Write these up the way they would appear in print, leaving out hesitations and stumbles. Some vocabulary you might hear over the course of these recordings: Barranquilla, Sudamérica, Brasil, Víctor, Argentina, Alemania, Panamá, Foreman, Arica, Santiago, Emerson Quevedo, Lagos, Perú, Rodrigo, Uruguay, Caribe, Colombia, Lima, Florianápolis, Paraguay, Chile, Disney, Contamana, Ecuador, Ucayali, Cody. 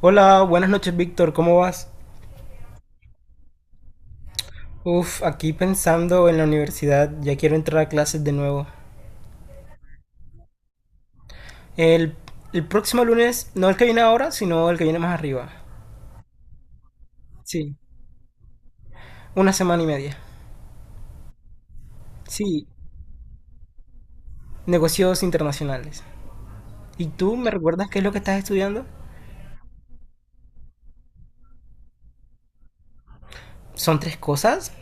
Hola, buenas noches Víctor, ¿cómo vas? Uf, aquí pensando en la universidad, ya quiero entrar a clases de nuevo. El, el próximo lunes, no el que viene ahora, sino el que viene más arriba. Sí, una semana y media. Sí, negocios internacionales. ¿Y tú me recuerdas qué es lo que estás estudiando? ¿Son tres cosas?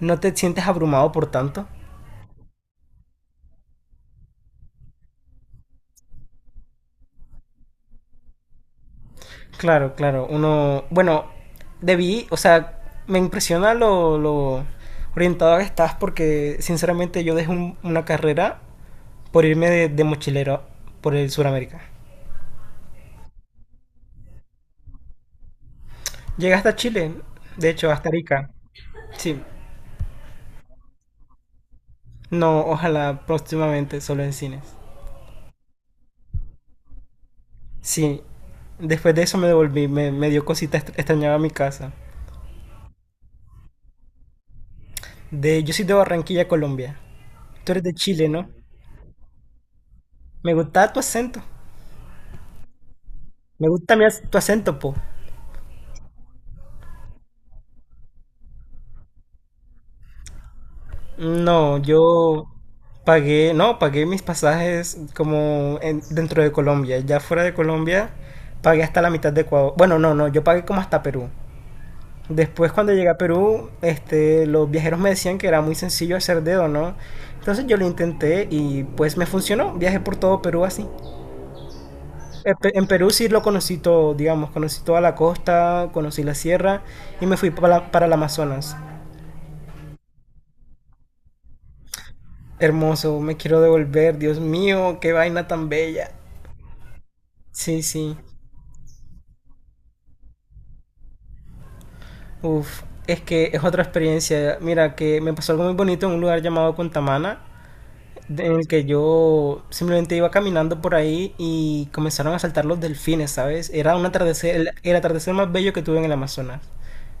¿No te sientes abrumado por tanto? Claro, claro, Bueno, debí, o sea, me impresiona lo orientado que estás porque sinceramente yo dejé una carrera por irme de mochilero por el Suramérica. Llegué hasta Chile, de hecho, hasta Arica. Sí, no, ojalá próximamente, solo en cines. Sí, después de eso me devolví, me dio cosita, extrañaba mi casa. Yo soy de Barranquilla, Colombia. Tú eres de Chile, ¿no? Me gustaba tu acento. Me gusta tu acento, po. No, yo pagué, no, pagué mis pasajes como dentro de Colombia. Ya fuera de Colombia, pagué hasta la mitad de Ecuador. Bueno, no, no, yo pagué como hasta Perú. Después cuando llegué a Perú, los viajeros me decían que era muy sencillo hacer dedo, ¿no? Entonces yo lo intenté y pues me funcionó. Viajé por todo Perú así. En en Perú sí lo conocí todo, digamos, conocí toda la costa, conocí la sierra y me fui para el Amazonas. Hermoso, me quiero devolver, Dios mío, qué vaina tan bella. Sí, sí. Uf, es que es otra experiencia. Mira, que me pasó algo muy bonito en un lugar llamado Contamana, en el que yo simplemente iba caminando por ahí y comenzaron a saltar los delfines, ¿sabes? Era un atardecer, el atardecer más bello que tuve en el Amazonas.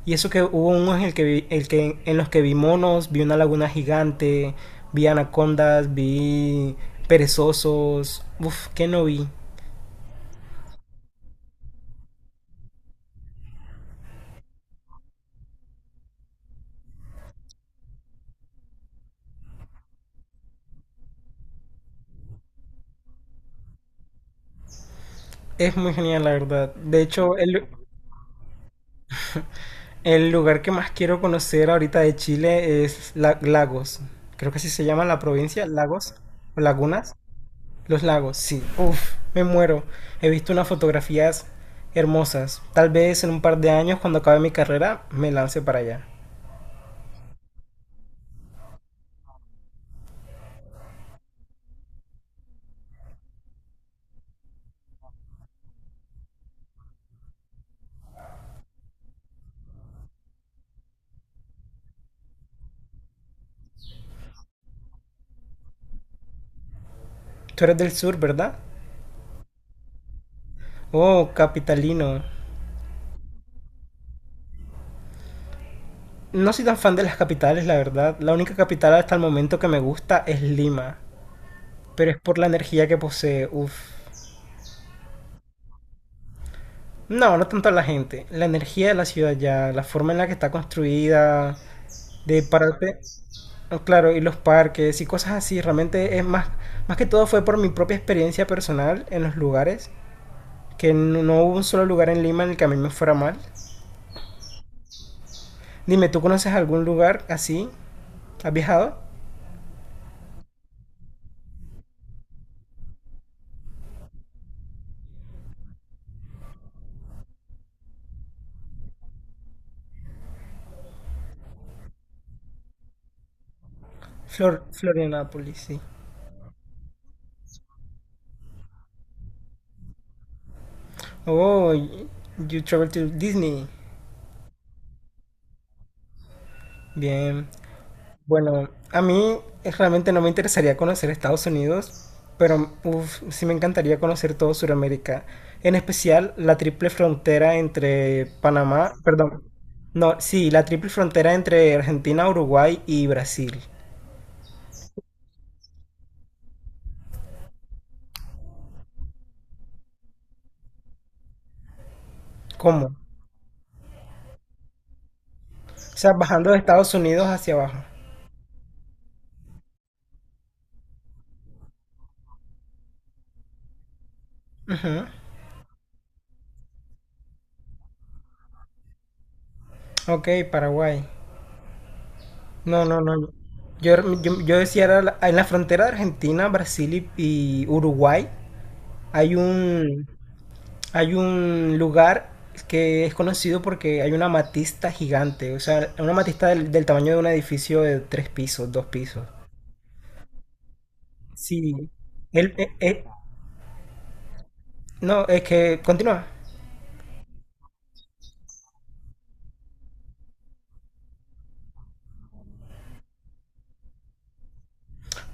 Y eso que hubo unos en los que vi monos, vi una laguna gigante, vi anacondas, vi perezosos, uf, que no vi. Es muy genial, la verdad. De hecho, el lugar que más quiero conocer ahorita de Chile es Lagos. Creo que así se llama la provincia, Lagos o Lagunas. Los lagos, sí. Uf, me muero. He visto unas fotografías hermosas. Tal vez en un par de años, cuando acabe mi carrera, me lance para allá. Tú eres del sur, ¿verdad? Oh, capitalino. No soy tan fan de las capitales, la verdad. La única capital hasta el momento que me gusta es Lima. Pero es por la energía que posee. Uf. No, no tanto a la gente. La energía de la ciudad ya, la forma en la que está construida, de pararte. Oh, claro, y los parques y cosas así, realmente es más que todo fue por mi propia experiencia personal en los lugares, que no, no hubo un solo lugar en Lima en el que a mí me fuera mal. Dime, ¿tú conoces algún lugar así? ¿Has viajado? Florianápolis, sí. Oh, y- you travel to Disney. Bien. Bueno, a mí realmente no me interesaría conocer Estados Unidos, pero uf, sí me encantaría conocer todo Sudamérica, en especial la triple frontera entre Panamá, perdón, no, sí, la triple frontera entre Argentina, Uruguay y Brasil. ¿Cómo? O sea, bajando de Estados Unidos hacia abajo. Ujú. Ok, Paraguay. No, no, no. Yo, yo decía, en la frontera de Argentina, Brasil y Uruguay hay un... hay un lugar que es conocido porque hay una amatista gigante, o sea, una amatista del tamaño de un edificio de tres pisos, dos pisos. Sí. Él, eh, eh, no, es que continúa.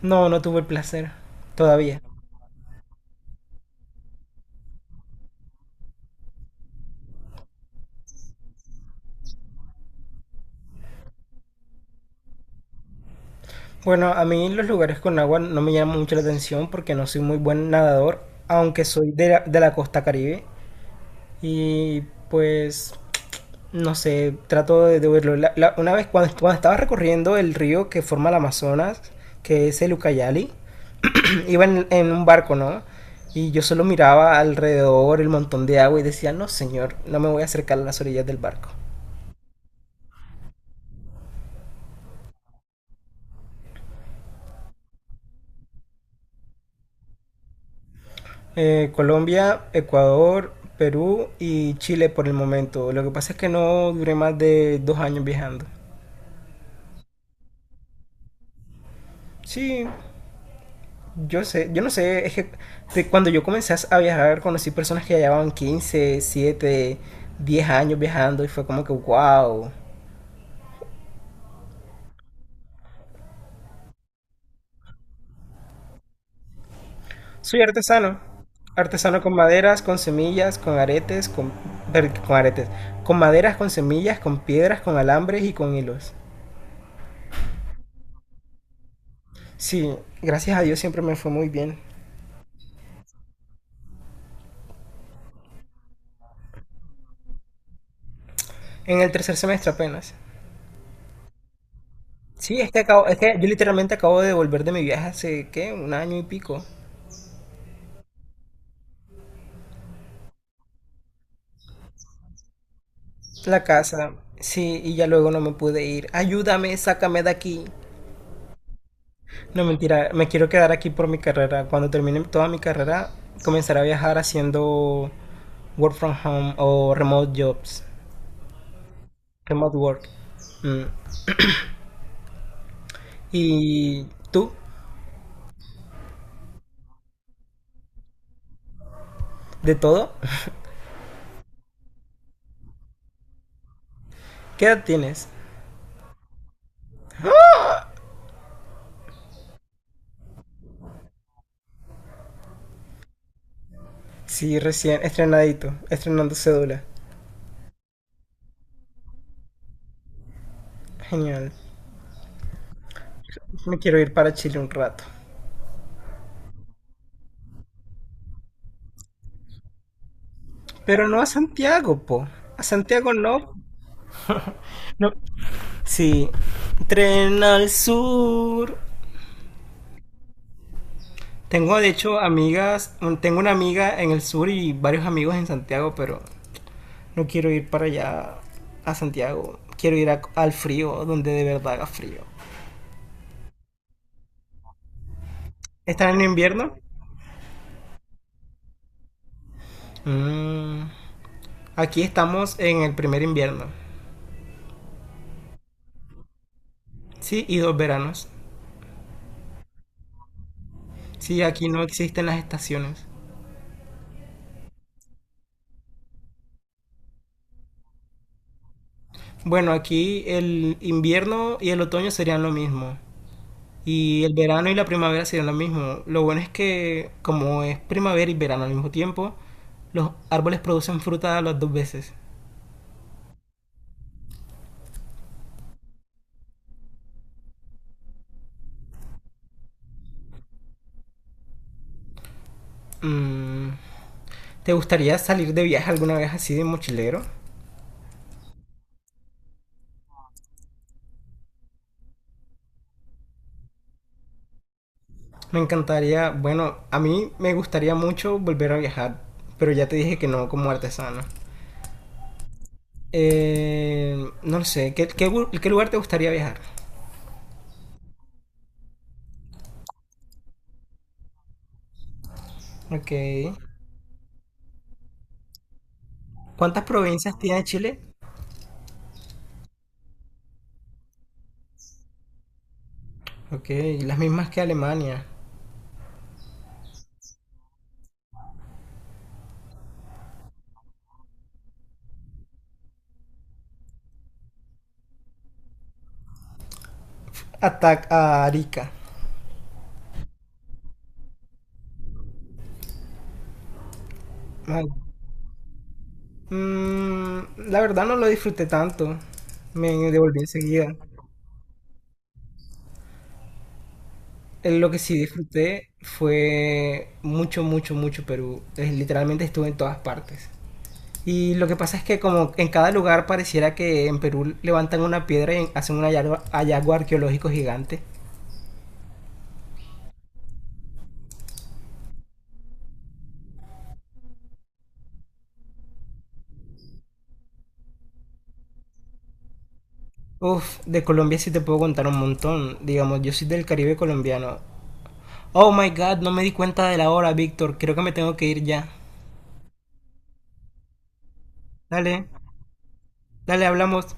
No, no tuve el placer todavía. Bueno, a mí los lugares con agua no me llaman mucho la atención porque no soy muy buen nadador, aunque soy de la costa Caribe. Y pues no sé, trato de verlo. Una vez cuando estaba recorriendo el río que forma el Amazonas, que es el Ucayali, iba en un barco, ¿no? Y yo solo miraba alrededor el montón de agua y decía, no señor, no me voy a acercar a las orillas del barco. Colombia, Ecuador, Perú y Chile por el momento. Lo que pasa es que no duré más de 2 años viajando. Sí, yo sé, yo no sé, es que de cuando yo comencé a viajar conocí personas que ya llevaban 15 7 10 años viajando y fue como que, wow, soy artesano. Artesano con maderas, con semillas, con aretes, con aretes, con maderas, con semillas, con piedras, con alambres y con hilos. Sí, gracias a Dios siempre me fue muy bien. En el tercer semestre apenas. Sí, es que yo literalmente acabo de volver de mi viaje hace, ¿qué? Un año y pico. La casa, sí, y ya luego no me pude ir. Ayúdame, sácame de aquí. No, mentira, me quiero quedar aquí por mi carrera. Cuando termine toda mi carrera, comenzaré a viajar haciendo work from home o remote jobs, remote work. Mm. ¿Y tú? ¿De todo? ¿Qué edad tienes? Sí, recién estrenadito, estrenando cédula. Genial. Me quiero ir para Chile un rato. Pero no a Santiago, po. A Santiago no. No, sí, tren al sur. Tengo de hecho amigas, tengo una amiga en el sur y varios amigos en Santiago, pero no quiero ir para allá a Santiago. Quiero ir al frío, donde de verdad haga frío. ¿Están en invierno? Mm, aquí estamos en el primer invierno. Sí, y dos veranos. Sí, aquí no existen las estaciones. Bueno, aquí el invierno y el otoño serían lo mismo. Y el verano y la primavera serían lo mismo. Lo bueno es que como es primavera y verano al mismo tiempo, los árboles producen fruta las dos veces. Mm, ¿Te gustaría salir de viaje alguna vez así de mochilero? Me encantaría, bueno, a mí me gustaría mucho volver a viajar, pero ya te dije que no como artesano. Eh, no lo sé, ¿qué lugar te gustaría viajar? Ok. ¿Cuántas provincias tiene Chile? Ok, las mismas que Alemania. Atac a Arica. Ah, Mm, la verdad no lo disfruté tanto. Me devolví enseguida. Lo que sí disfruté fue mucho, mucho, mucho Perú. Literalmente estuve en todas partes. Y lo que pasa es que como en cada lugar pareciera que en Perú levantan una piedra y hacen un hallazgo, hallazgo arqueológico gigante. Uf, de Colombia sí te puedo contar un montón. Digamos, yo soy del Caribe colombiano. Oh my God, no me di cuenta de la hora, Víctor. Creo que me tengo que ir ya. Dale, dale, hablamos.